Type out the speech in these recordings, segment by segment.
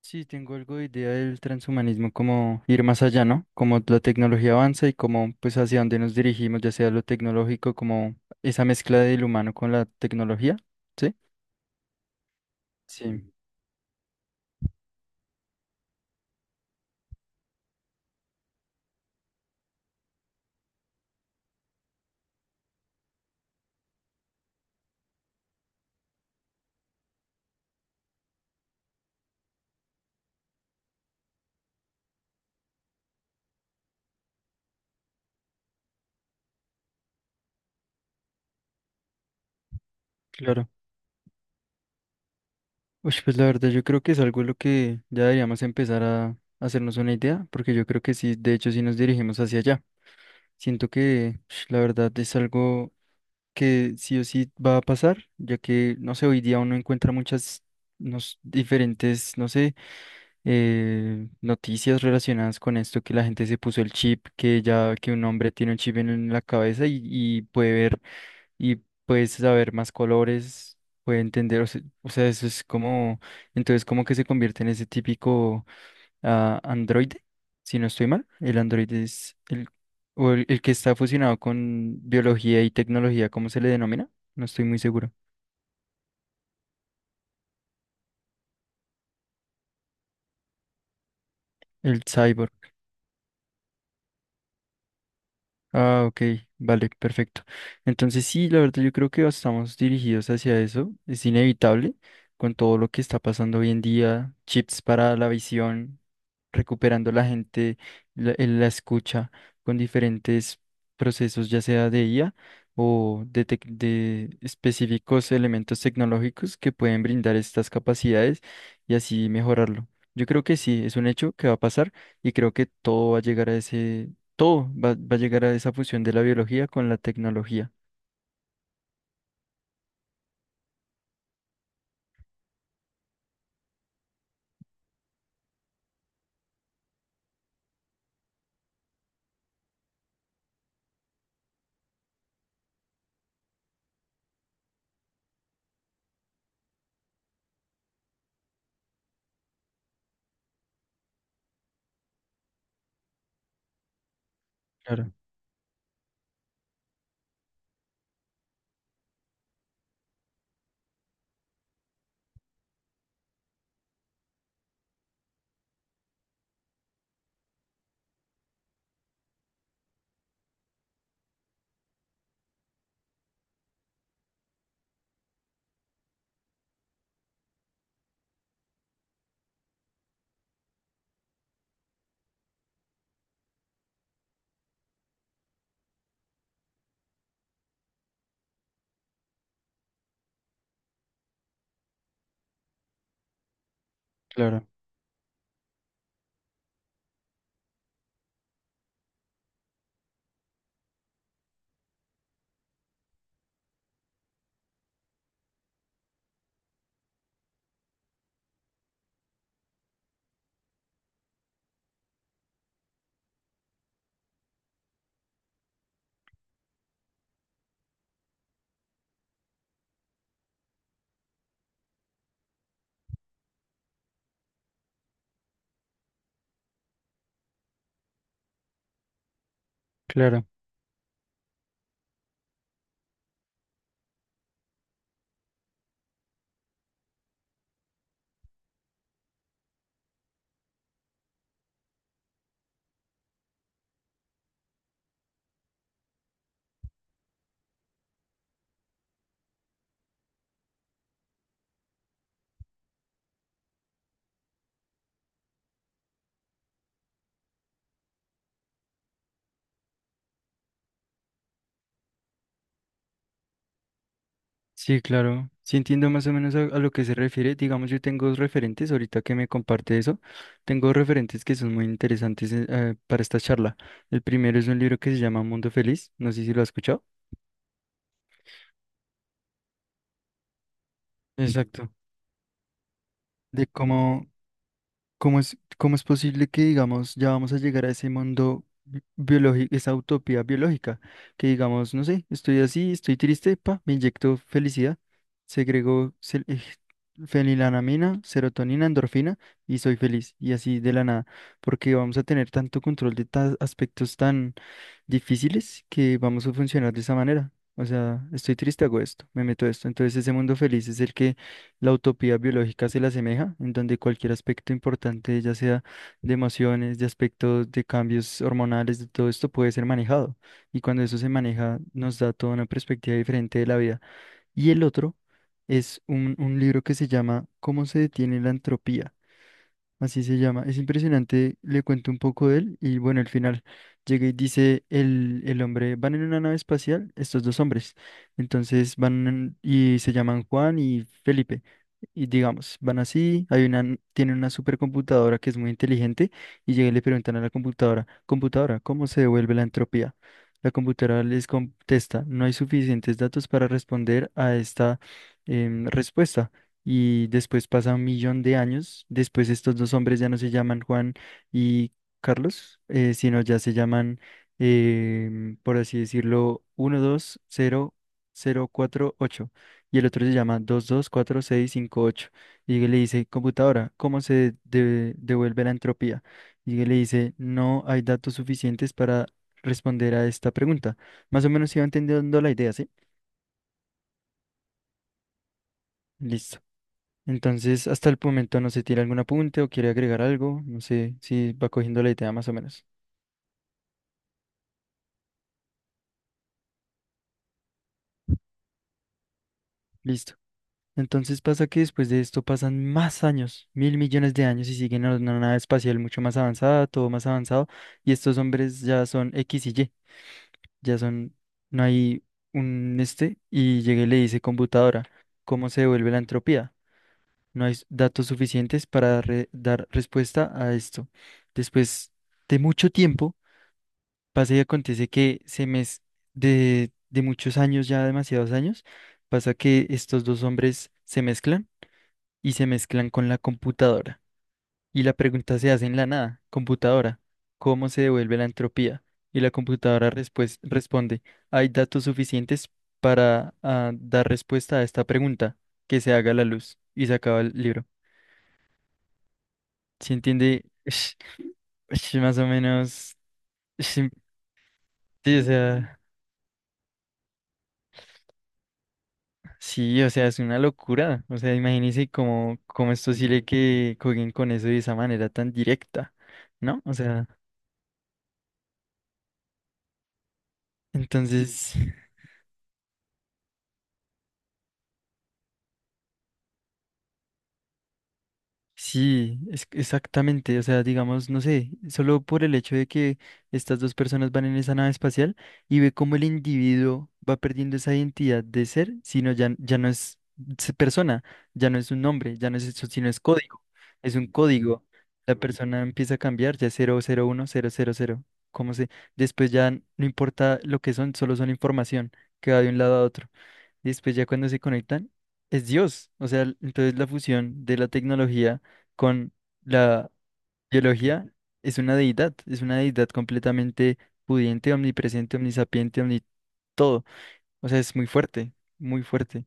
Sí, tengo algo de idea del transhumanismo, como ir más allá, ¿no? Como la tecnología avanza y como pues hacia dónde nos dirigimos, ya sea lo tecnológico, como esa mezcla del humano con la tecnología, ¿sí? Sí, claro. Uy, pues la verdad yo creo que es algo lo que ya deberíamos empezar a hacernos una idea, porque yo creo que sí, de hecho sí nos dirigimos hacia allá. Siento que la verdad es algo que sí o sí va a pasar, ya que, no sé, hoy día uno encuentra muchas diferentes, no sé, noticias relacionadas con esto, que la gente se puso el chip, que ya que un hombre tiene un chip en la cabeza y puede ver y puede saber más colores, puede entender, o sea, eso es como, entonces como que se convierte en ese típico a Android, si no estoy mal. El Android es o el que está fusionado con biología y tecnología, ¿cómo se le denomina? No estoy muy seguro. El cyborg. Ah, ok, vale, perfecto. Entonces sí, la verdad yo creo que estamos dirigidos hacia eso. Es inevitable con todo lo que está pasando hoy en día, chips para la visión, recuperando la gente, la escucha con diferentes procesos, ya sea de IA o de, de específicos elementos tecnológicos que pueden brindar estas capacidades y así mejorarlo. Yo creo que sí, es un hecho que va a pasar y creo que todo va a llegar a esa fusión de la biología con la tecnología. Claro, claro, claro. Sí, claro. Sí entiendo más o menos a lo que se refiere. Digamos, yo tengo dos referentes, ahorita que me comparte eso, tengo dos referentes que son muy interesantes para esta charla. El primero es un libro que se llama Mundo Feliz, no sé si lo has escuchado. Exacto. De cómo, ¿cómo es, cómo es posible que, digamos, ya vamos a llegar a ese mundo biológico, esa utopía biológica? Que, digamos, no sé, estoy así, estoy triste, pa, me inyecto felicidad, segrego fenilanamina, serotonina, endorfina y soy feliz. Y así de la nada, porque vamos a tener tanto control de aspectos tan difíciles que vamos a funcionar de esa manera. O sea, estoy triste, hago esto, me meto esto. Entonces ese mundo feliz es el que la utopía biológica se le asemeja, en donde cualquier aspecto importante, ya sea de emociones, de aspectos, de cambios hormonales, de todo esto puede ser manejado. Y cuando eso se maneja, nos da toda una perspectiva diferente de la vida. Y el otro es un libro que se llama ¿Cómo se detiene la entropía? Así se llama. Es impresionante. Le cuento un poco de él y bueno, al final llega y dice el hombre, van en una nave espacial, estos dos hombres. Entonces y se llaman Juan y Felipe. Y digamos, van así, tienen una supercomputadora que es muy inteligente y llega y le preguntan a la computadora: computadora, ¿cómo se devuelve la entropía? La computadora les contesta: no hay suficientes datos para responder a esta respuesta. Y después pasa un millón de años. Después estos dos hombres ya no se llaman Juan y Carlos, sino ya se llaman, por así decirlo, 120048 y el otro se llama 224658. Y le dice: computadora, ¿cómo devuelve la entropía? Y le dice: no hay datos suficientes para responder a esta pregunta. Más o menos iba entendiendo la idea, ¿sí? Listo. Entonces, hasta el momento no se tiene algún apunte o quiere agregar algo. No sé si va cogiendo la idea más o menos. Listo. Entonces pasa que después de esto pasan más años, mil millones de años, y siguen en una nave espacial mucho más avanzada, todo más avanzado. Y estos hombres ya son X y Y. Ya son, no hay un este. Y llegué y le dice: computadora, ¿cómo se devuelve la entropía? No hay datos suficientes para dar respuesta a esto. Después de mucho tiempo. Pasa y acontece que de muchos años, ya demasiados años, pasa que estos dos hombres se mezclan y se mezclan con la computadora. Y la pregunta se hace en la nada: computadora, ¿cómo se devuelve la entropía? Y la computadora responde: hay datos suficientes para dar respuesta a esta pregunta, que se haga la luz. Y se acaba el libro. ¿Se entiende? Ush, más o menos. ush, sí, o sea. Sí, o sea, es una locura. O sea, imagínense cómo, cómo es posible que jueguen con eso de esa manera tan directa, ¿no? O sea, entonces, sí, exactamente. O sea, digamos, no sé, solo por el hecho de que estas dos personas van en esa nave espacial y ve cómo el individuo va perdiendo esa identidad de ser, sino ya, ya no es persona, ya no es un nombre, ya no es eso, sino es código. Es un código. La persona empieza a cambiar, ya es 00, 1000. ¿Cómo se? Después ya no importa lo que son, solo son información que va de un lado a otro. Y después ya cuando se conectan, es Dios. O sea, entonces la fusión de la tecnología con la biología es una deidad completamente pudiente, omnipresente, omnisapiente, omni todo. O sea, es muy fuerte, muy fuerte.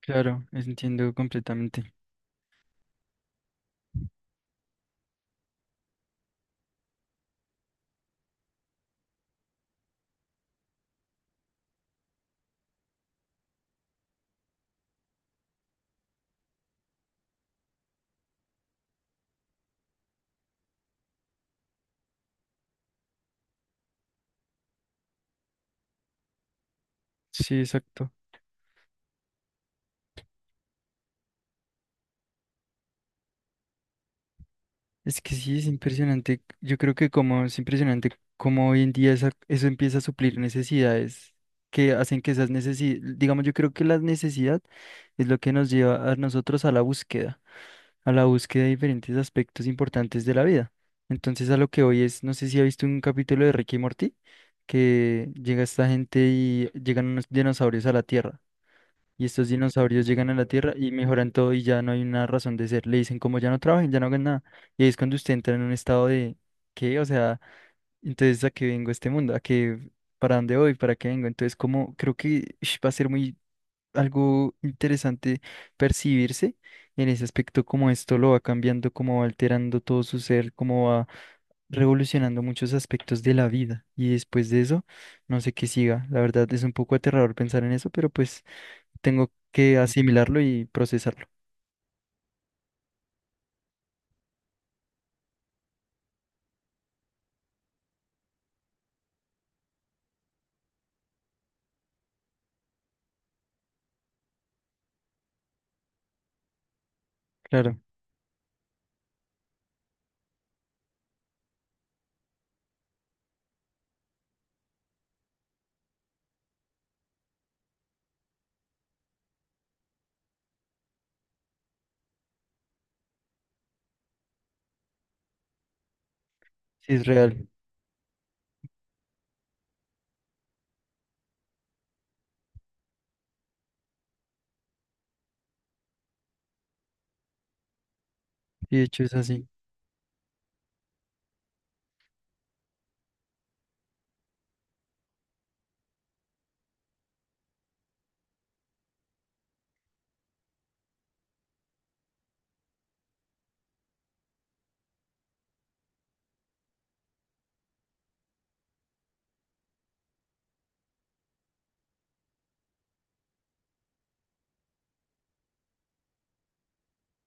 Claro, entiendo completamente. Sí, exacto. Es que sí, es impresionante. Yo creo que como es impresionante cómo hoy en día eso empieza a suplir necesidades que hacen que esas necesidades, digamos, yo creo que la necesidad es lo que nos lleva a nosotros a la búsqueda de diferentes aspectos importantes de la vida. Entonces, a lo que hoy es, no sé si ha visto un capítulo de Ricky y Morty, que llega esta gente y llegan unos dinosaurios a la Tierra. Y estos dinosaurios llegan a la Tierra y mejoran todo y ya no hay una razón de ser. Le dicen como ya no trabajen, ya no hagan nada. Y ahí es cuando usted entra en un estado de, ¿qué? O sea, entonces, ¿a qué vengo a este mundo? ¿A qué? ¿Para dónde voy? ¿Para qué vengo? Entonces como creo que va a ser muy algo interesante percibirse en ese aspecto, como esto lo va cambiando, como va alterando todo su ser, como va revolucionando muchos aspectos de la vida. Y después de eso, no sé qué siga. La verdad es un poco aterrador pensar en eso, pero pues... Tengo que asimilarlo y procesarlo. Claro, sí es real. Y de hecho es así.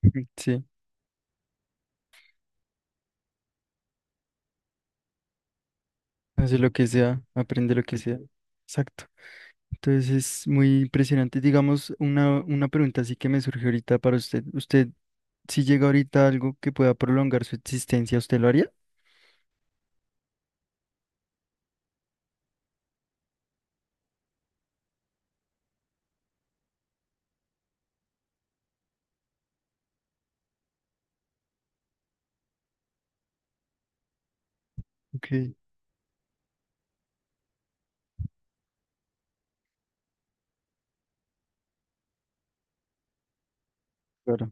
Sí, hace lo que sea, aprende lo que sea. Exacto. Entonces es muy impresionante. Digamos, una pregunta así que me surge ahorita para usted. ¿Usted, si llega ahorita algo que pueda prolongar su existencia, usted lo haría? Ok, claro.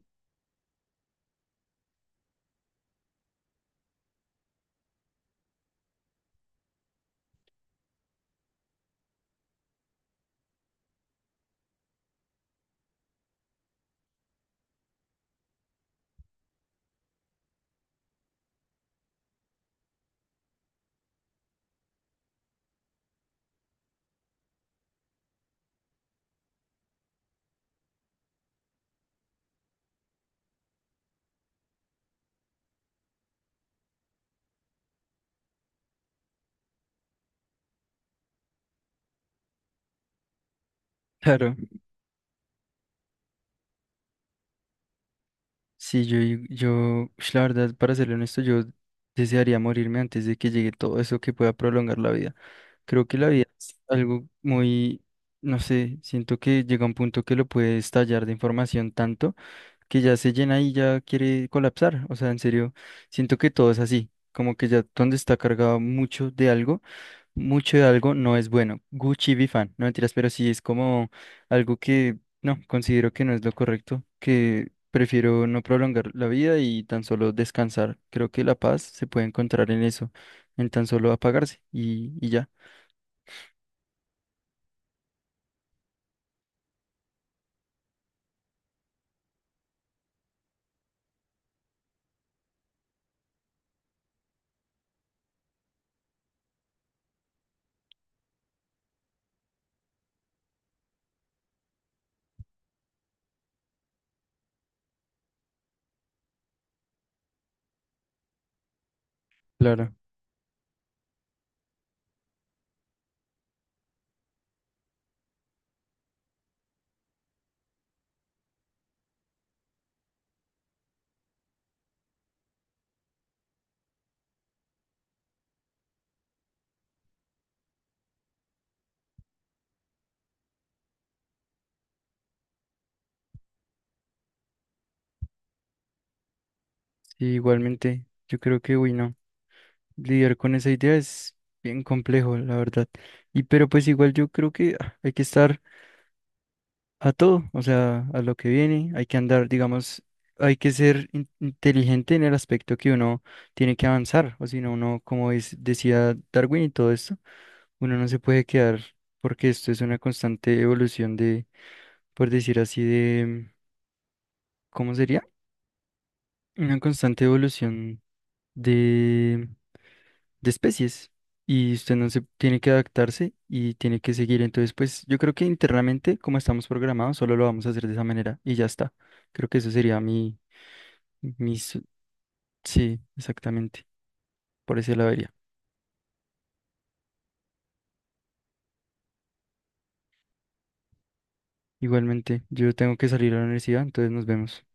Claro. Sí, yo, yo, la verdad, para serle honesto, yo desearía morirme antes de que llegue todo eso que pueda prolongar la vida. Creo que la vida es algo muy, no sé, siento que llega un punto que lo puede estallar de información tanto que ya se llena y ya quiere colapsar. O sea, en serio, siento que todo es así, como que ya donde está cargado mucho de algo, mucho de algo no es bueno. Gucci Bifan, no mentiras, pero sí es como algo que no, considero que no es lo correcto, que prefiero no prolongar la vida y tan solo descansar. Creo que la paz se puede encontrar en eso, en tan solo apagarse y ya. Claro, sí, igualmente, yo creo que, uy, no, lidiar con esa idea es bien complejo, la verdad. Y pero pues igual yo creo que hay que estar a todo, o sea, a lo que viene, hay que andar, digamos, hay que ser inteligente en el aspecto que uno tiene que avanzar, o si no, uno, como decía Darwin y todo esto, uno no se puede quedar porque esto es una constante evolución de, por decir así, de, ¿cómo sería? Una constante evolución de, de especies y usted no se tiene que adaptarse y tiene que seguir. Entonces, pues yo creo que internamente, como estamos programados, solo lo vamos a hacer de esa manera y ya está. Creo que eso sería mi, mis, sí, exactamente. Por ese lado iría. Igualmente, yo tengo que salir a la universidad, entonces nos vemos.